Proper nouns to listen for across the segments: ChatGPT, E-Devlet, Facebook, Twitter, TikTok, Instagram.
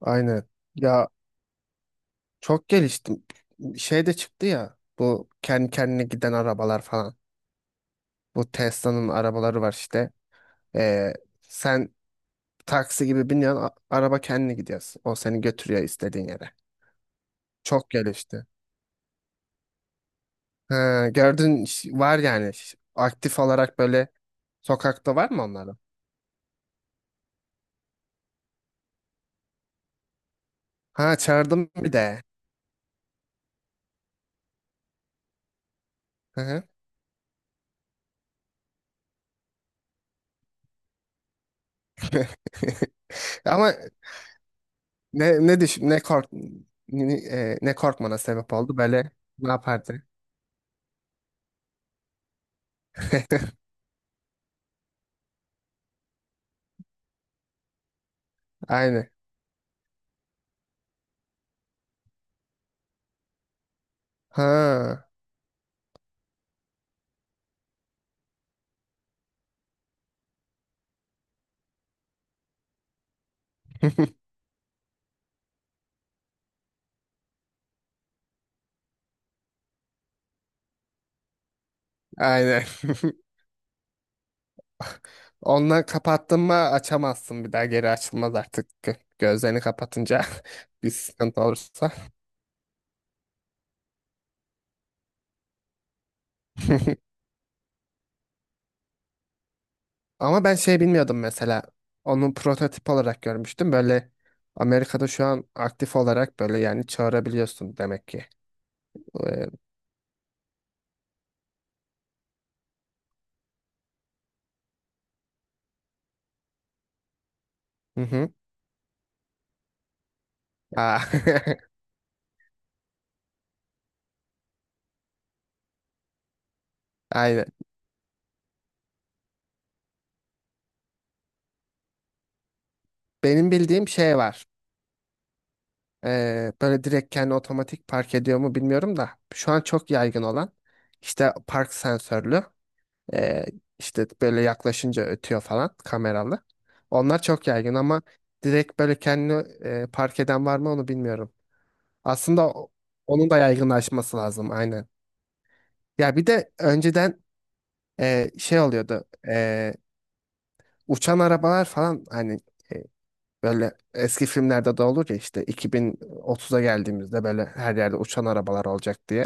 Aynen. Ya çok geliştim. Şey de çıktı ya. Bu kendi kendine giden arabalar falan. Bu Tesla'nın arabaları var işte. Ee, sen taksi gibi biniyorsun. Araba kendine gidiyor. O seni götürüyor istediğin yere. Çok gelişti. Ha, gördün var yani. Aktif olarak böyle sokakta var mı onların? Ha çağırdım bir de. Hı hı. Ama ne ne düş ne kork ne, ne e, ne korkmana sebep oldu böyle ne yapardı? Aynen. Ha. Aynen. Ondan kapattın mı açamazsın bir daha geri açılmaz artık. Gözlerini kapatınca bir sıkıntı olursa. Ama ben şey bilmiyordum mesela. Onun prototip olarak görmüştüm. Böyle Amerika'da şu an aktif olarak böyle yani çağırabiliyorsun demek ki. Ee, Hı hı. Aa, aynen. Benim bildiğim şey var. Böyle direkt kendi otomatik park ediyor mu bilmiyorum da. Şu an çok yaygın olan işte park sensörlü. Ee, işte böyle yaklaşınca ötüyor falan kameralı. Onlar çok yaygın ama direkt böyle kendini park eden var mı onu bilmiyorum. Aslında onun da yaygınlaşması lazım aynen. Ya bir de önceden şey oluyordu. Uçan arabalar falan hani e, böyle eski filmlerde de olur ya işte 2030'a geldiğimizde böyle her yerde uçan arabalar olacak diye.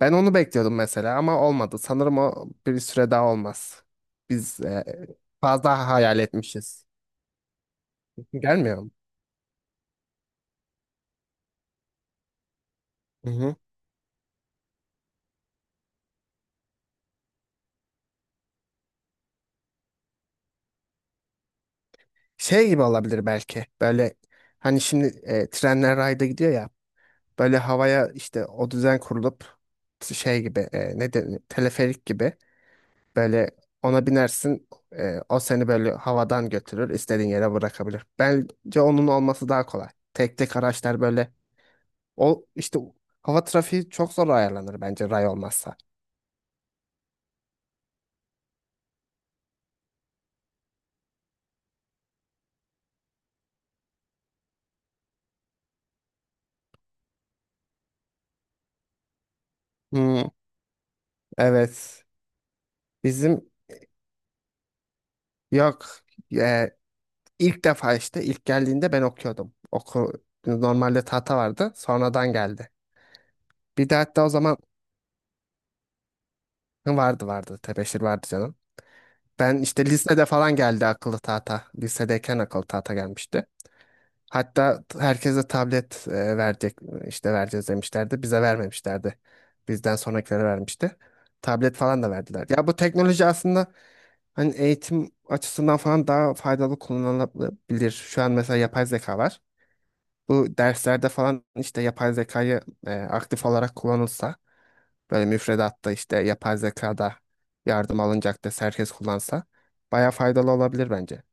Ben onu bekliyordum mesela ama olmadı. Sanırım o bir süre daha olmaz. Biz e, Fazla hayal etmişiz. Gelmiyor mu? Hı hı. Şey gibi olabilir belki. Böyle hani şimdi trenler rayda gidiyor ya. Böyle havaya işte o düzen kurulup şey gibi ne denir teleferik gibi böyle ona binersin, o seni böyle havadan götürür istediğin yere bırakabilir. Bence onun olması daha kolay. Tek tek araçlar böyle o işte hava trafiği çok zor ayarlanır bence ray olmazsa. Hmm, evet. Bizim yok. Ee, ilk defa işte ilk geldiğinde ben okuyordum. Normalde tahta vardı. Sonradan geldi. Bir de hatta o zaman vardı. Tebeşir vardı canım. Ben işte lisede falan geldi akıllı tahta. Lisedeyken akıllı tahta gelmişti. Hatta herkese tablet verecek işte vereceğiz demişlerdi. Bize vermemişlerdi. Bizden sonrakilere vermişti. Tablet falan da verdiler. Ya bu teknoloji aslında hani eğitim açısından falan daha faydalı kullanılabilir. Şu an mesela yapay zeka var. Bu derslerde falan işte yapay zekayı aktif olarak kullanılsa böyle müfredatta işte yapay zekada yardım alınacak ders herkes kullansa baya faydalı olabilir bence.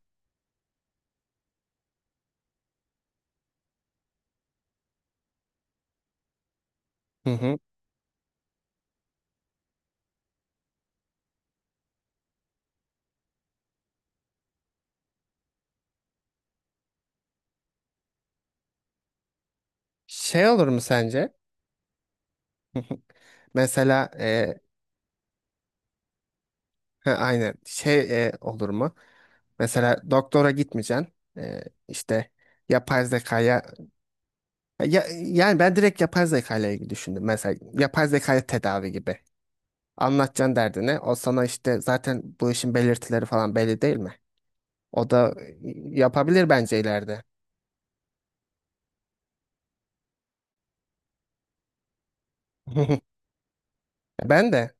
Hı hı. Şey olur mu sence? Mesela ha, aynen şey olur mu? Mesela doktora gitmeyeceksin. E, işte Yapay zekaya yani ben direkt yapay zekayla ile ilgili düşündüm. Mesela yapay zekaya tedavi gibi. Anlatacaksın derdini. O sana işte zaten bu işin belirtileri falan belli değil mi? O da yapabilir bence ileride. Ben de.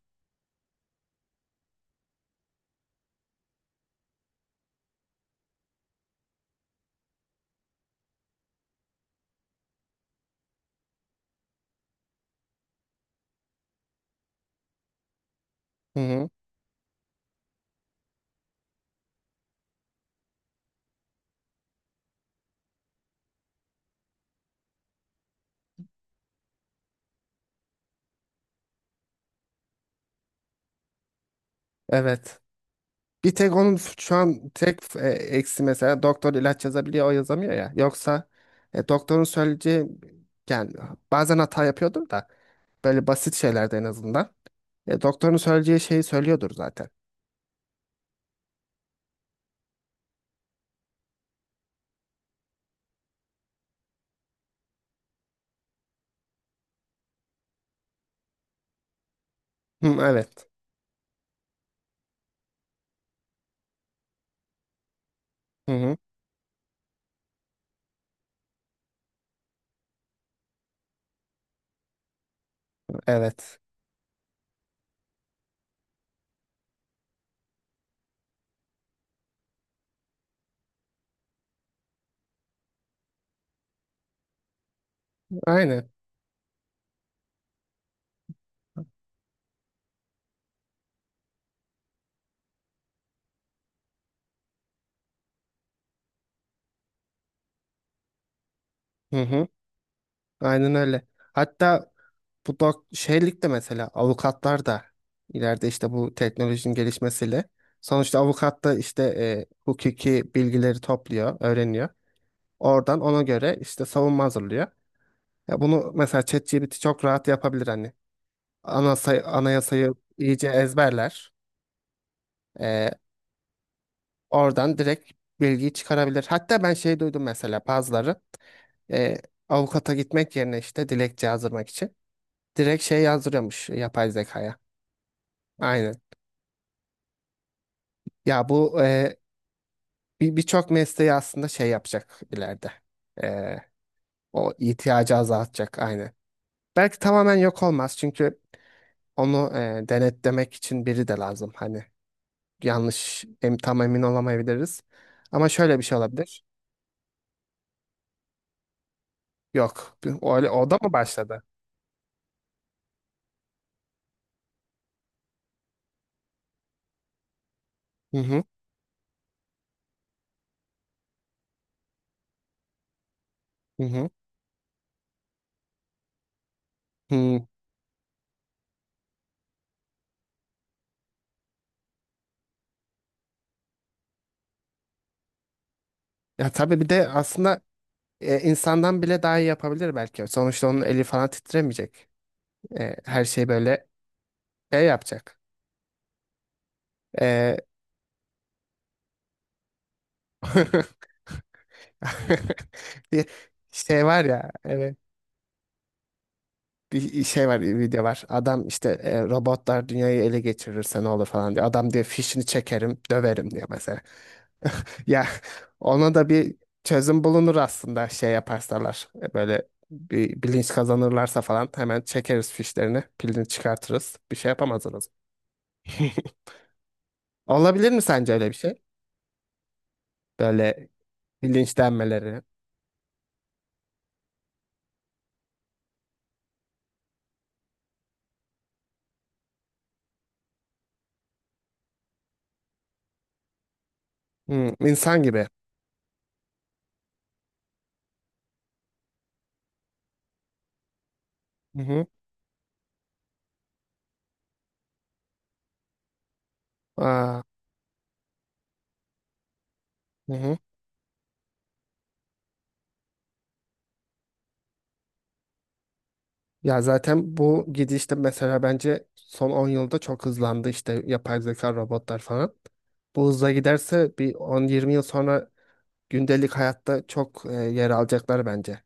Hı hı. Evet. Bir tek onun şu an tek eksi mesela doktor ilaç yazabiliyor o yazamıyor ya. Yoksa doktorun söyleyeceği yani bazen hata yapıyordur da böyle basit şeylerde en azından. Doktorun söyleyeceği şeyi söylüyordur zaten. Hı, evet. Hı hı. Evet. Aynen. Hı hı. Aynen öyle. Hatta bu şeylik de mesela avukatlar da ileride işte bu teknolojinin gelişmesiyle sonuçta avukat da işte hukuki bilgileri topluyor, öğreniyor. Oradan ona göre işte savunma hazırlıyor. Ya bunu mesela ChatGPT çok rahat yapabilir hani. Anayasayı iyice ezberler. Ee, Oradan direkt bilgiyi çıkarabilir. Hatta ben şey duydum mesela bazıları e, avukata gitmek yerine işte dilekçe yazdırmak için direkt şey yazdırıyormuş yapay zekaya. Aynen. Ya bu birçok mesleği aslında şey yapacak ileride. E, O ihtiyacı azaltacak aynen. Belki tamamen yok olmaz çünkü onu denetlemek için biri de lazım. Hani yanlış tam emin olamayabiliriz. Ama şöyle bir şey olabilir. Yok. Öyle, o da mı başladı? Hı hı. Hı hı. Hı. Ya tabii bir de aslında insandan bile daha iyi yapabilir belki. Sonuçta onun eli falan titremeyecek. Her şey böyle yapacak. E, bir şey var ya, evet. bir şey var, bir video var. Adam işte robotlar dünyayı ele geçirirse ne olur falan diyor. Adam diyor fişini çekerim, döverim diyor mesela. Ya ona da bir çözüm bulunur aslında şey yaparsalar. Böyle bir bilinç kazanırlarsa falan hemen çekeriz fişlerini, pilini çıkartırız. Bir şey yapamazsınız. Olabilir mi sence öyle bir şey? Böyle bilinçlenmeleri. Hmm, insan gibi. Hı hı. Aa, hı hı. Ya zaten bu gidişte mesela bence son 10 yılda çok hızlandı işte yapay zeka, robotlar falan. Bu hızla giderse bir 10-20 yıl sonra gündelik hayatta çok yer alacaklar bence.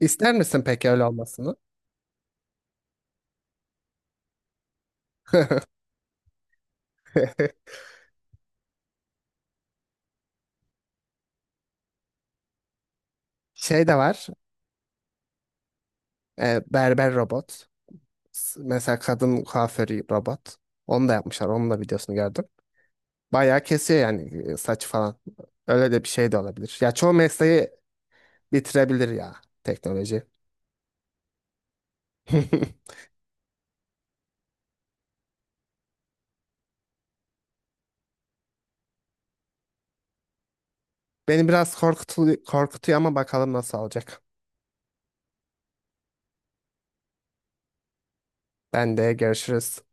İster misin peki öyle olmasını? Şey de var. Berber robot. Mesela kadın kuaförü robot. Onu da yapmışlar. Onun da videosunu gördüm. Bayağı kesiyor yani saç falan. Öyle de bir şey de olabilir. Ya çoğu mesleği bitirebilir ya teknoloji. Beni biraz korkutuyor, korkutuyor ama bakalım nasıl olacak. Ben de görüşürüz.